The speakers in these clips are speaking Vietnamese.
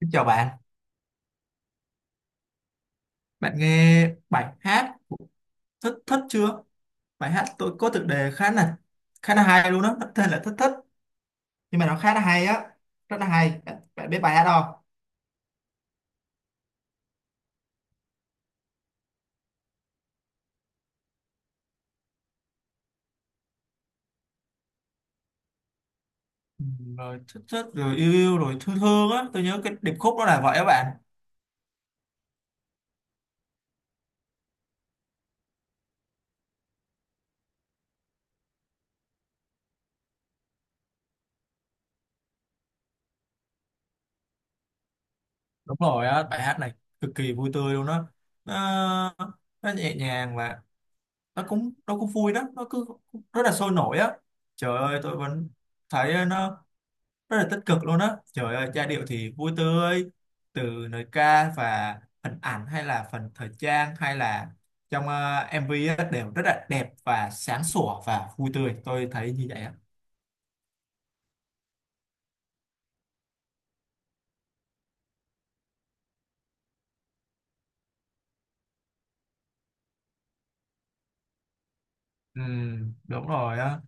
Xin chào bạn, bạn nghe bài hát của Thất Thất chưa? Bài hát tôi có tựa đề khá là hay luôn đó, nó tên là Thất Thất nhưng mà nó khá là hay á, rất là hay. Bạn biết bài hát không? Ừ, rồi Thất Thất rồi yêu yêu rồi thương thương á, tôi nhớ cái điệp khúc đó là vậy á bạn. Đúng rồi á, bài hát này cực kỳ vui tươi luôn đó. Nó, nó nhẹ nhàng và nó cũng vui đó, nó cứ rất là sôi nổi á. Trời ơi, tôi vẫn thấy nó rất là tích cực luôn á, trời ơi giai điệu thì vui tươi từ lời ca và hình ảnh hay là phần thời trang hay là trong MV á, đều rất là đẹp và sáng sủa và vui tươi, tôi thấy như vậy á. Ừ, đúng rồi á,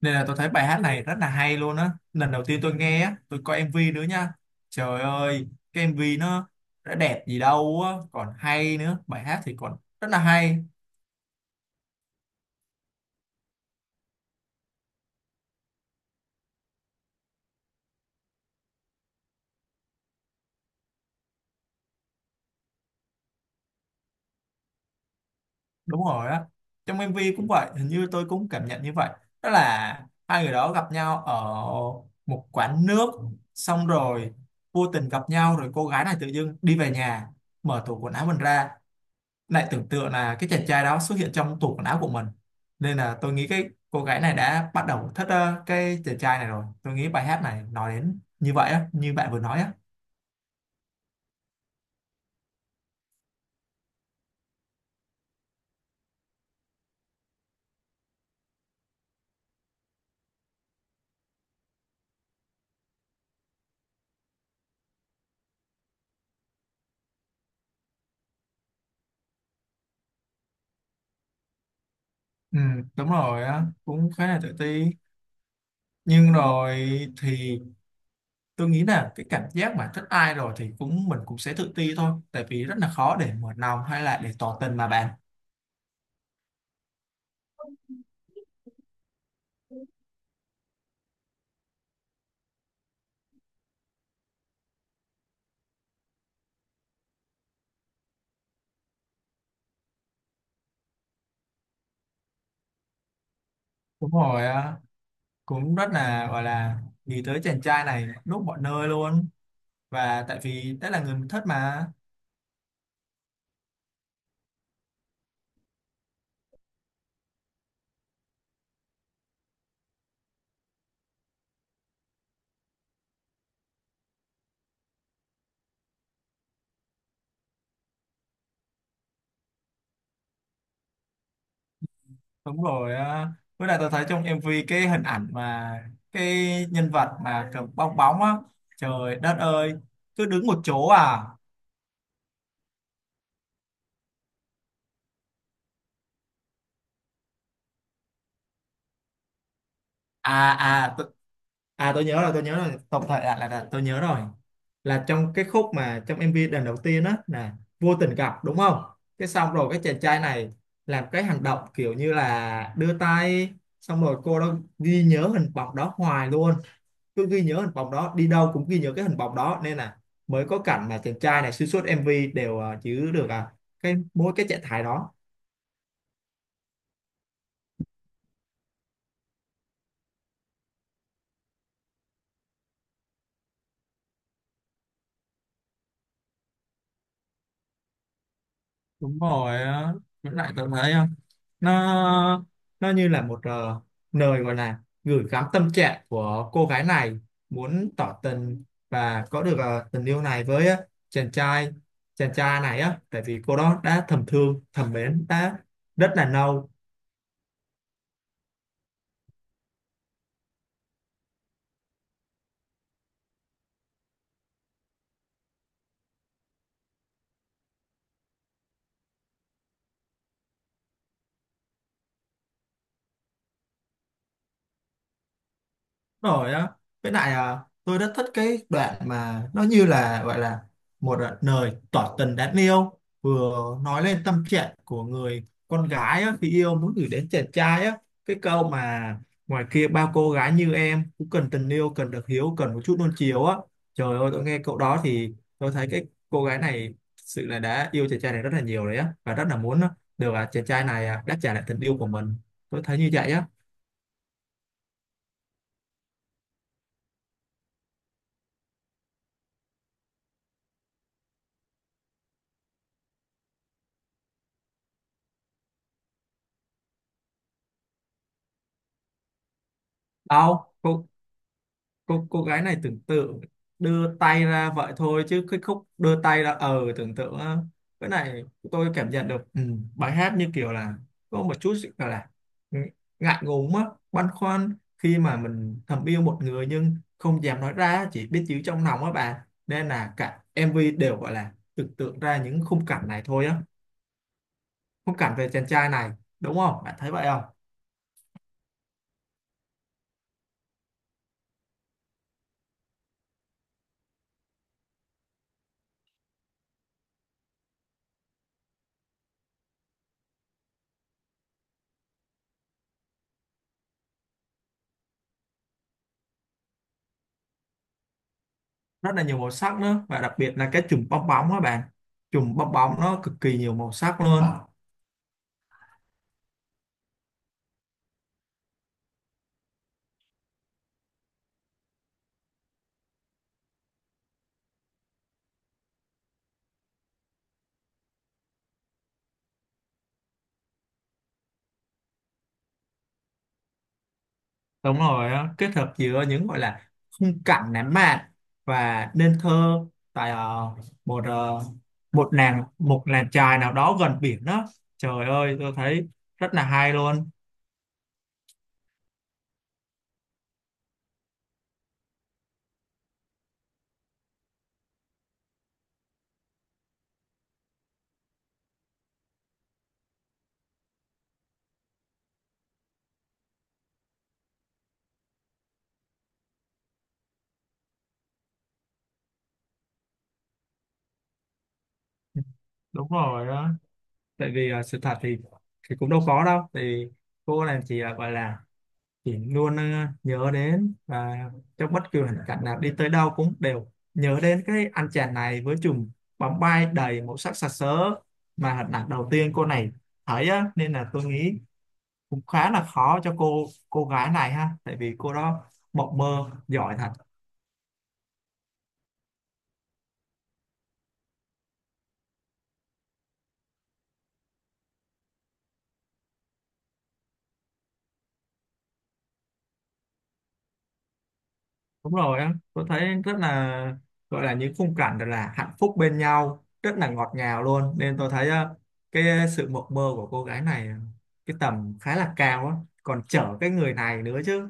nên là tôi thấy bài hát này rất là hay luôn á, lần đầu tiên tôi nghe á tôi coi MV nữa nha. Trời ơi, cái MV nó đã đẹp gì đâu á, còn hay nữa, bài hát thì còn rất là hay. Đúng rồi á, trong MV cũng vậy, hình như tôi cũng cảm nhận như vậy, đó là hai người đó gặp nhau ở một quán nước, xong rồi vô tình gặp nhau, rồi cô gái này tự dưng đi về nhà mở tủ quần áo mình ra, lại tưởng tượng là cái chàng trai đó xuất hiện trong tủ quần áo của mình. Nên là tôi nghĩ cái cô gái này đã bắt đầu thích cái chàng trai này rồi. Tôi nghĩ bài hát này nói đến như vậy á, như bạn vừa nói á. Ừ, đúng rồi á, cũng khá là tự ti, nhưng rồi thì tôi nghĩ là cái cảm giác mà thích ai rồi thì cũng mình cũng sẽ tự ti thôi, tại vì rất là khó để mở lòng hay là để tỏ tình mà bạn. Đúng rồi á, cũng rất là gọi là nghĩ tới chàng trai này lúc mọi nơi luôn, và tại vì đó là người mình thích mà. Đúng rồi á. Với lại tôi thấy trong em MV cái hình ảnh mà cái nhân vật mà cầm bong bóng á, trời đất ơi, cứ đứng một chỗ à. à à t- À, tôi nhớ rồi, tôi nhớ rồi, tổng thể là tôi nhớ rồi, là trong cái khúc mà trong MV lần đầu tiên á là vô tình gặp đúng không, cái xong rồi cái chàng trai này làm cái hành động kiểu như là đưa tay, xong rồi cô đó ghi nhớ hình bóng đó hoài luôn, cứ ghi nhớ hình bóng đó, đi đâu cũng ghi nhớ cái hình bóng đó. Nên là mới có cảnh mà chàng trai này xuyên suốt MV đều giữ được à, cái mỗi cái trạng thái đó. Đúng rồi á. Với lại tôi thấy á, nó nó như là một lời gọi là gửi gắm tâm trạng của cô gái này, muốn tỏ tình và có được tình yêu này với chàng trai này á, tại vì cô đó đã thầm thương thầm mến đã rất là lâu rồi á. Với lại à, tôi rất thích cái đoạn mà nó như là gọi là một à, lời tỏ tình đáng yêu, vừa nói lên tâm trạng của người con gái á, khi yêu muốn gửi đến chàng trai á, cái câu mà ngoài kia bao cô gái như em cũng cần tình yêu, cần được hiếu, cần một chút nuông chiều á. Trời ơi, tôi nghe câu đó thì tôi thấy cái cô gái này thực sự là đã yêu chàng trai này rất là nhiều rồi á, và rất là muốn được à, chàng trai này à, đáp trả lại tình yêu của mình, tôi thấy như vậy á. Đâu, cô gái này tưởng tượng đưa tay ra vậy thôi, chứ cái khúc đưa tay ra tưởng tượng á, cái này tôi cảm nhận được. Ừ, bài hát như kiểu là có một chút sự gọi là ng- ngại ngùng á, băn khoăn khi mà mình thầm yêu một người nhưng không dám nói ra, chỉ biết giữ trong lòng á bà. Nên là cả MV đều gọi là tưởng tượng ra những khung cảnh này thôi á, khung cảnh về chàng trai này, đúng không, bạn thấy vậy không? Rất là nhiều màu sắc nữa, và đặc biệt là cái chùm bong bóng á bạn, chùm bong bóng nó cực kỳ nhiều màu sắc luôn. Đúng rồi á, kết hợp giữa những gọi là khung cảnh lãng mạn và nên thơ, tại một ờ, một làng một làng chài nào đó gần biển đó, trời ơi tôi thấy rất là hay luôn. Đúng rồi đó, tại vì sự thật thì cũng đâu có đâu, thì cô này chỉ là gọi là chị luôn nhớ đến, và trong bất cứ hoàn cảnh nào đi tới đâu cũng đều nhớ đến cái anh chàng này với chùm bóng bay đầy màu sắc sặc sỡ, mà hình ảnh đầu tiên cô này thấy á. Nên là tôi nghĩ cũng khá là khó cho cô gái này ha, tại vì cô đó mộng mơ giỏi thật. Đúng rồi á, tôi thấy rất là gọi là những khung cảnh thật là hạnh phúc bên nhau, rất là ngọt ngào luôn. Nên tôi thấy cái sự mộng mơ của cô gái này cái tầm khá là cao á, còn chở cái người này nữa chứ.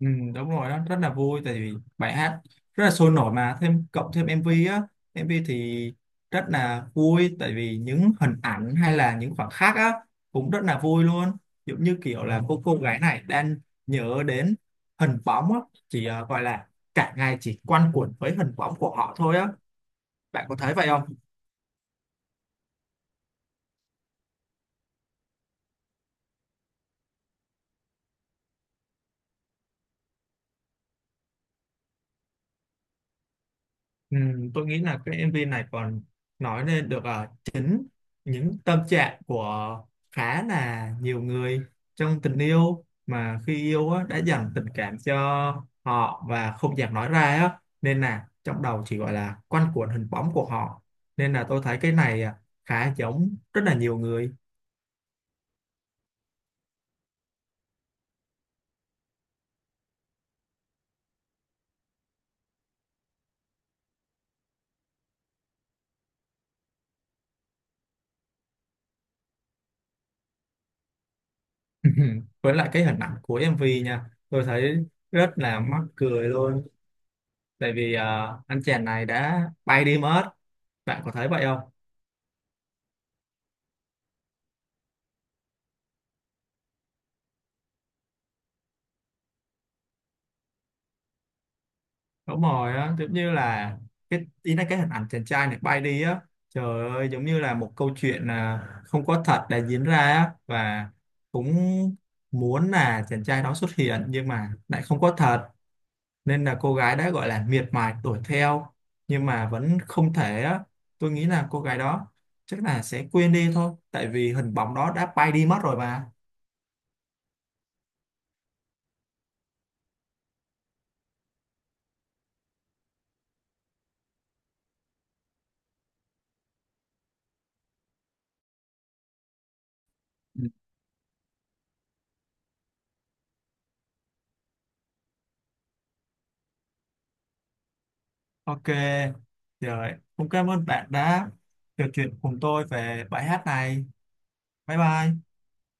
Ừ, đúng rồi đó, rất là vui tại vì bài hát rất là sôi nổi, mà thêm cộng thêm MV á, MV thì rất là vui tại vì những hình ảnh hay là những khoảnh khắc á cũng rất là vui luôn, giống như kiểu là cô gái này đang nhớ đến hình bóng á, chỉ gọi là cả ngày chỉ quanh quẩn với hình bóng của họ thôi á, bạn có thấy vậy không? Ừ, tôi nghĩ là cái MV này còn nói lên được chính những tâm trạng của khá là nhiều người trong tình yêu, mà khi yêu á, đã dành tình cảm cho họ và không dám nói ra á. Nên là trong đầu chỉ gọi là quanh quẩn hình bóng của họ, nên là tôi thấy cái này à, khá giống rất là nhiều người. Với lại cái hình ảnh của MV nha, tôi thấy rất là mắc cười luôn, tại vì anh chàng này đã bay đi mất, bạn có thấy vậy không? Đúng rồi á, giống như là cái ý là cái hình ảnh chàng trai này bay đi á, trời ơi giống như là một câu chuyện à, không có thật đã diễn ra á, và cũng muốn là chàng trai đó xuất hiện nhưng mà lại không có thật. Nên là cô gái đã gọi là miệt mài đuổi theo, nhưng mà vẫn không thể á. Tôi nghĩ là cô gái đó chắc là sẽ quên đi thôi, tại vì hình bóng đó đã bay đi mất rồi mà. Ừ. Ok, rồi, cũng cảm ơn bạn đã trò chuyện cùng tôi về bài hát này. Bye bye.